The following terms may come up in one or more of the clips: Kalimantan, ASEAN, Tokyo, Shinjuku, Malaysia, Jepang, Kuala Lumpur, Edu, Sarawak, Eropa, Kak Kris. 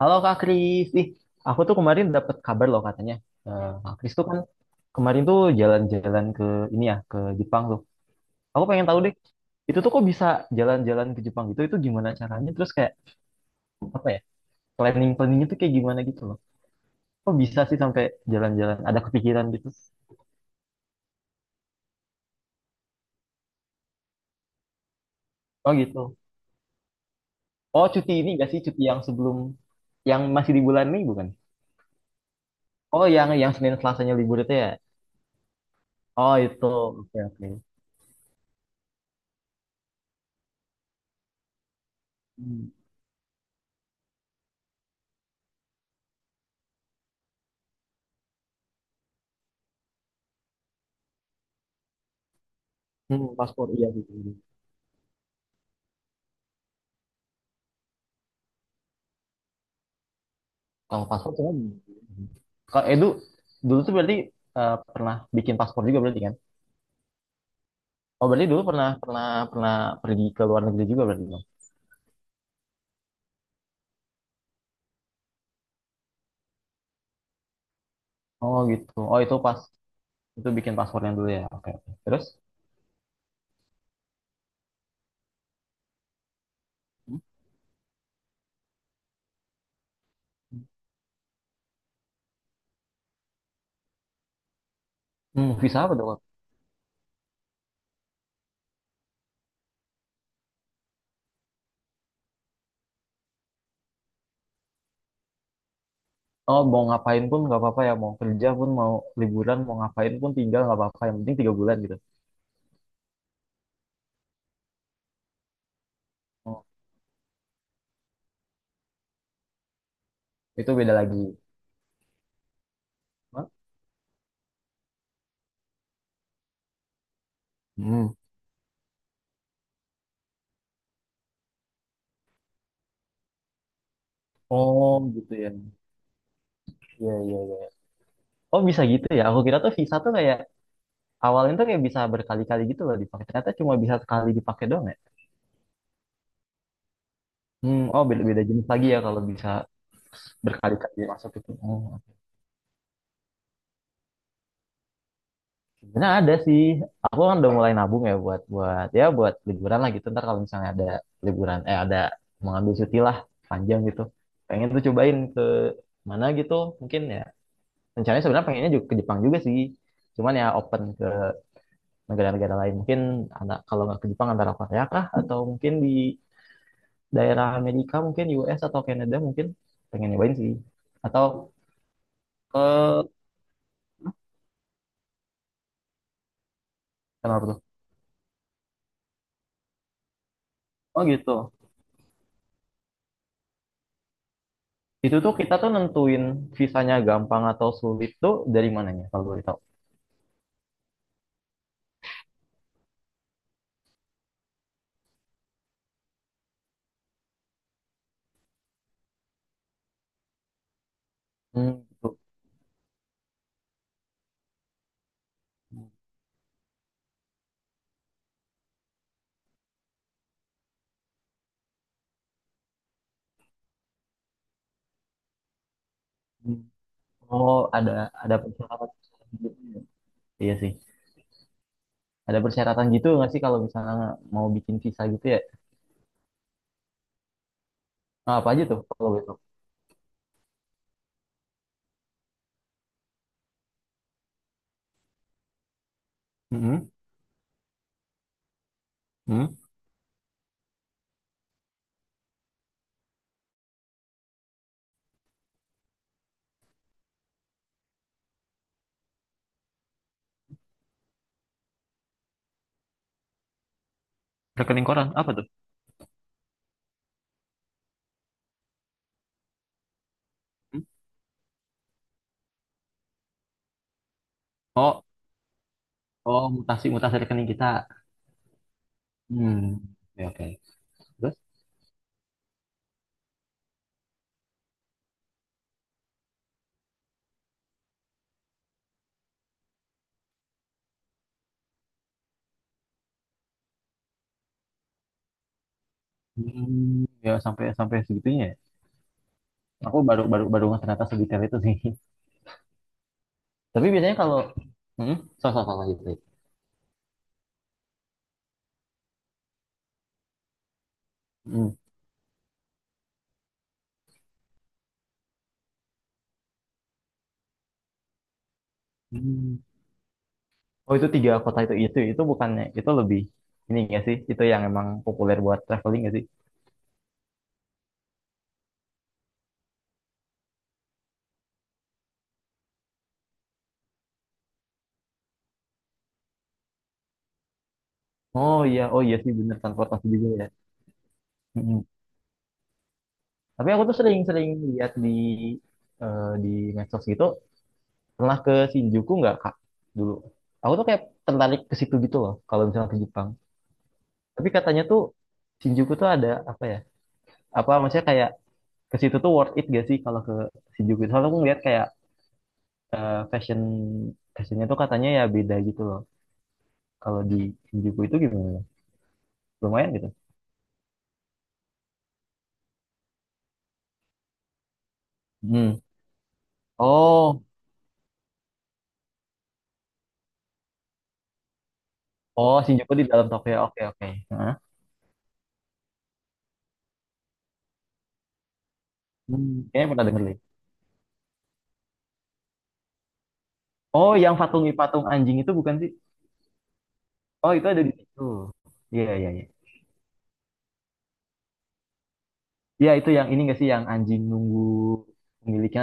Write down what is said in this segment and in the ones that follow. Halo Kak Kris, ih, aku tuh kemarin dapat kabar loh katanya Kak Kris tuh kan kemarin tuh jalan-jalan ke ini ya ke Jepang tuh. Aku pengen tahu deh itu tuh kok bisa jalan-jalan ke Jepang gitu? Itu gimana caranya? Terus kayak apa ya planning-planningnya tuh kayak gimana gitu loh? Kok bisa sih sampai jalan-jalan? Ada kepikiran gitu? Oh gitu. Oh cuti ini gak sih cuti yang sebelum yang masih di bulan ini bukan? Oh yang Senin Selasanya libur itu ya? Oh itu, oke oke. Hmm. Hmm, paspor iya gitu. Kalau paspor cuman kalau Edu dulu tuh berarti pernah bikin paspor juga berarti kan? Oh berarti dulu pernah, pernah pergi ke luar negeri juga berarti dong? Oh gitu. Oh itu pas itu bikin paspornya dulu ya. Oke, oke. Terus? Hmm, visa apa dong? Oh mau ngapain pun nggak apa-apa ya. Mau kerja pun, mau liburan, mau ngapain pun tinggal nggak apa-apa. Yang penting 3 bulan gitu. Oh itu beda lagi. Hah? Hmm. Oh gitu ya. Iya iya iya. Oh bisa gitu ya. Aku kira tuh visa tuh kayak awalnya tuh kayak bisa berkali-kali gitu loh dipakai. Ternyata cuma bisa sekali dipakai doang ya. Hmm, oh beda-beda jenis lagi ya kalau bisa berkali-kali masuk itu. Oh. Sebenarnya ada sih. Aku kan udah mulai nabung ya buat buat ya buat liburan lah gitu. Ntar kalau misalnya ada liburan, ada mengambil cuti lah panjang gitu. Pengen tuh cobain ke mana gitu mungkin ya. Rencananya sebenarnya pengennya juga ke Jepang juga sih. Cuman ya open ke negara-negara lain. Mungkin anak kalau nggak ke Jepang antara Korea kah atau mungkin di daerah Amerika mungkin US atau Kanada mungkin pengen nyobain sih. Atau ke kenapa. Oh gitu. Itu tuh kita tuh nentuin visanya gampang atau sulit tuh dari mananya kalau boleh tahu? Hmm, gitu. Hmm. Oh, ada persyaratan gitu ya? Iya sih. Ada persyaratan gitu nggak sih kalau misalnya mau bikin visa gitu ya? Nah, apa aja tuh kalau boleh tahu? Mm-hmm. Hmm. Rekening koran apa tuh? Hmm? Oh, oh mutasi mutasi rekening kita. Hmm. Ya, oke. Terus? Hmm, ya sampai sampai segitunya ya? Aku baru, baru, baru nggak ternyata sedetail itu sih. Tapi biasanya kalau hmm, so, so, so, so, gitu. Hmm. Oh itu tiga kota itu, itu bukannya itu lebih ini nggak sih itu yang emang populer buat traveling nggak sih? Oh iya, oh iya sih bener, transportasi juga ya. Mm-mm. Tapi aku tuh sering-sering lihat di di medsos gitu, pernah ke Shinjuku nggak Kak dulu? Aku tuh kayak tertarik ke situ gitu loh kalau misalnya ke Jepang. Tapi katanya tuh Shinjuku tuh ada apa ya? Apa maksudnya kayak ke situ tuh worth it gak sih kalau ke Shinjuku? Soalnya aku ngeliat kayak fashion, fashionnya tuh katanya ya beda gitu loh. Kalau di Shinjuku itu gimana? Lumayan gitu. Hmm. Oh. Oh, Shinjuku di dalam Tokyo. Oke, oke. Hah? Hmm. Kayaknya pernah denger deh. Oh, yang patungi-patung anjing itu bukan sih? Oh, itu ada di situ. Iya, iya, iya. Iya, itu yang ini nggak sih, yang anjing nunggu pemiliknya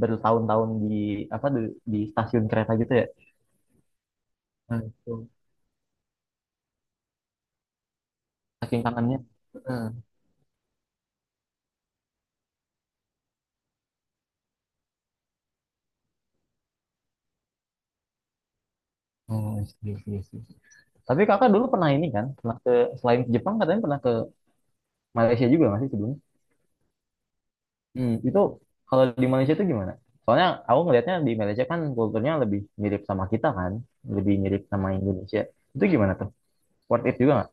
bertahun-tahun di apa di stasiun kereta gitu ya? Nah, itu. Saking kangennya. Heeh. Oh, I see, I tapi kakak dulu pernah ini kan? Pernah ke selain ke Jepang, katanya pernah ke Malaysia juga masih sebelum? Hmm, itu kalau di Malaysia itu gimana? Soalnya aku ngelihatnya di Malaysia kan kulturnya lebih mirip sama kita kan, lebih mirip sama Indonesia. Itu gimana tuh? Worth it juga nggak?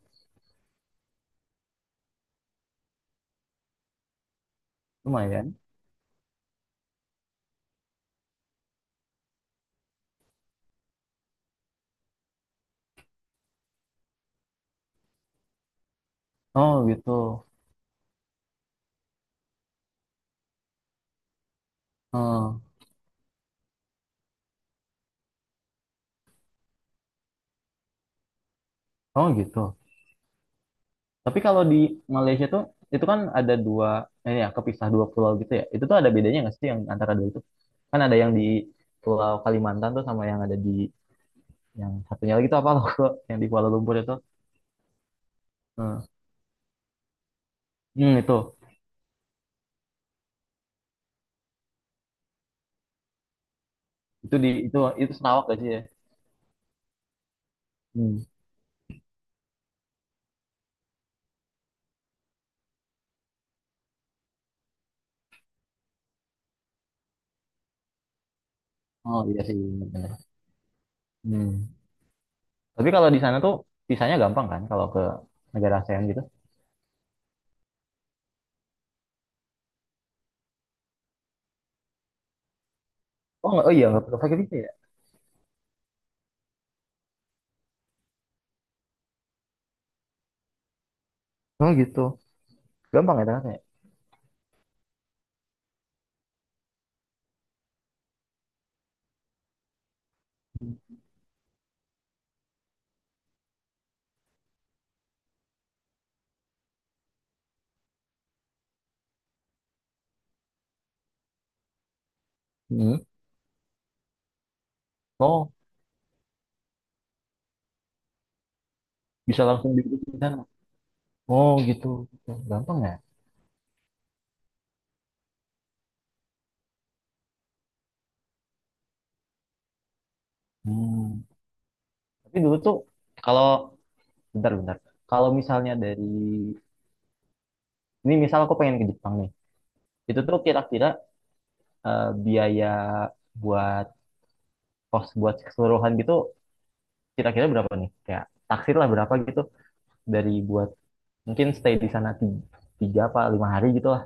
Lumayan. Oh gitu. Oh, oh gitu. Tapi kalau di Malaysia tuh itu kan ada dua, ya kepisah dua pulau gitu ya. Itu tuh ada bedanya nggak sih yang antara dua itu? Kan ada yang di Pulau Kalimantan tuh sama yang ada di yang satunya lagi tuh apa loh? Yang di Kuala Lumpur itu. Hmm. Hmm, itu. Itu di itu Sarawak gak sih ya? Hmm. Oh iya sih iya, benar. Hmm. Tapi kalau di sana tuh visanya gampang kan kalau ke negara ASEAN gitu? Oh nggak, oh iya nggak perlu pakai visa ya? Oh gitu, gampang ya ternyata ya? Hmm. Oh bisa langsung di sana. Oh gitu, gitu, gampang ya? Hmm. Tapi dulu tuh kalau bentar-bentar, kalau misalnya dari ini misal aku pengen ke Jepang nih, itu tuh kira-kira biaya buat kos buat keseluruhan gitu kira-kira berapa nih? Kayak taksir lah berapa gitu, dari buat mungkin stay di sana 3, apa 5 hari gitu lah.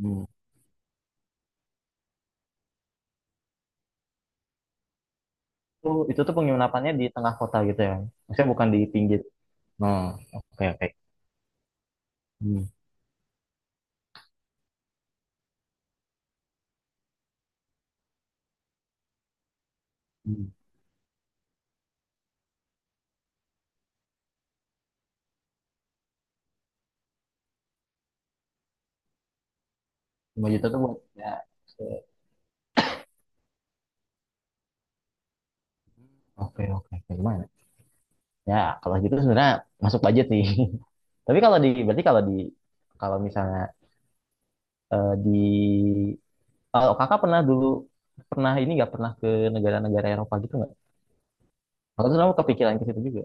Hmm. Itu tuh penginapannya di tengah kota gitu ya. Maksudnya bukan di pinggir. Nah, oke oke. Hmm. Hmm. 5 juta tuh buat ya. Oke oke, oke. Gimana? Ya kalau gitu sebenarnya masuk budget nih. Tapi kalau di berarti kalau di kalau misalnya di kalau kakak pernah dulu pernah ini nggak, pernah ke negara-negara Eropa gitu nggak? Kalau tuh kamu kepikiran ke situ juga.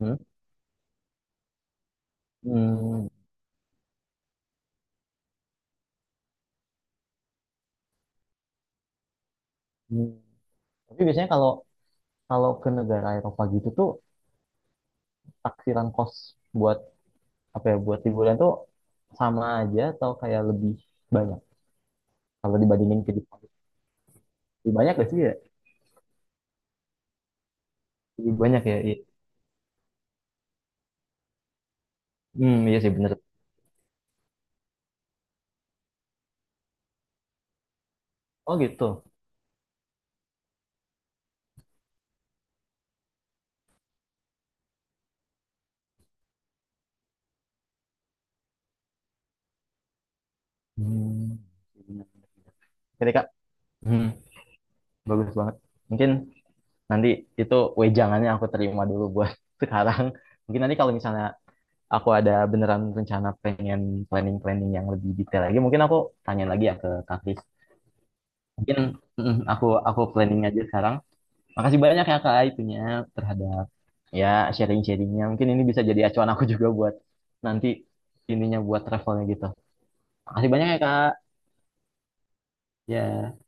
Hmm. Hmm. Hmm. Tapi biasanya kalau kalau ke negara Eropa gitu tuh taksiran kos buat apa ya, buat liburan tuh sama aja atau kayak lebih banyak kalau dibandingin ke Jepang, lebih banyak gak sih ya, lebih banyak ya iya. Hmm iya sih bener, oh gitu. Hmm, bener. Oke deh, Kak. Hmm, bagus banget, mungkin nanti itu wejangannya aku terima dulu buat sekarang. Mungkin nanti kalau misalnya aku ada beneran rencana pengen planning, planning yang lebih detail lagi, mungkin aku tanya lagi ya ke Kak Kris. Mungkin mm, aku planning aja sekarang. Makasih banyak ya Kak itunya terhadap ya sharing-sharingnya. Mungkin ini bisa jadi acuan aku juga buat nanti ininya buat travelnya gitu. Makasih banyak ya Kak. Ya.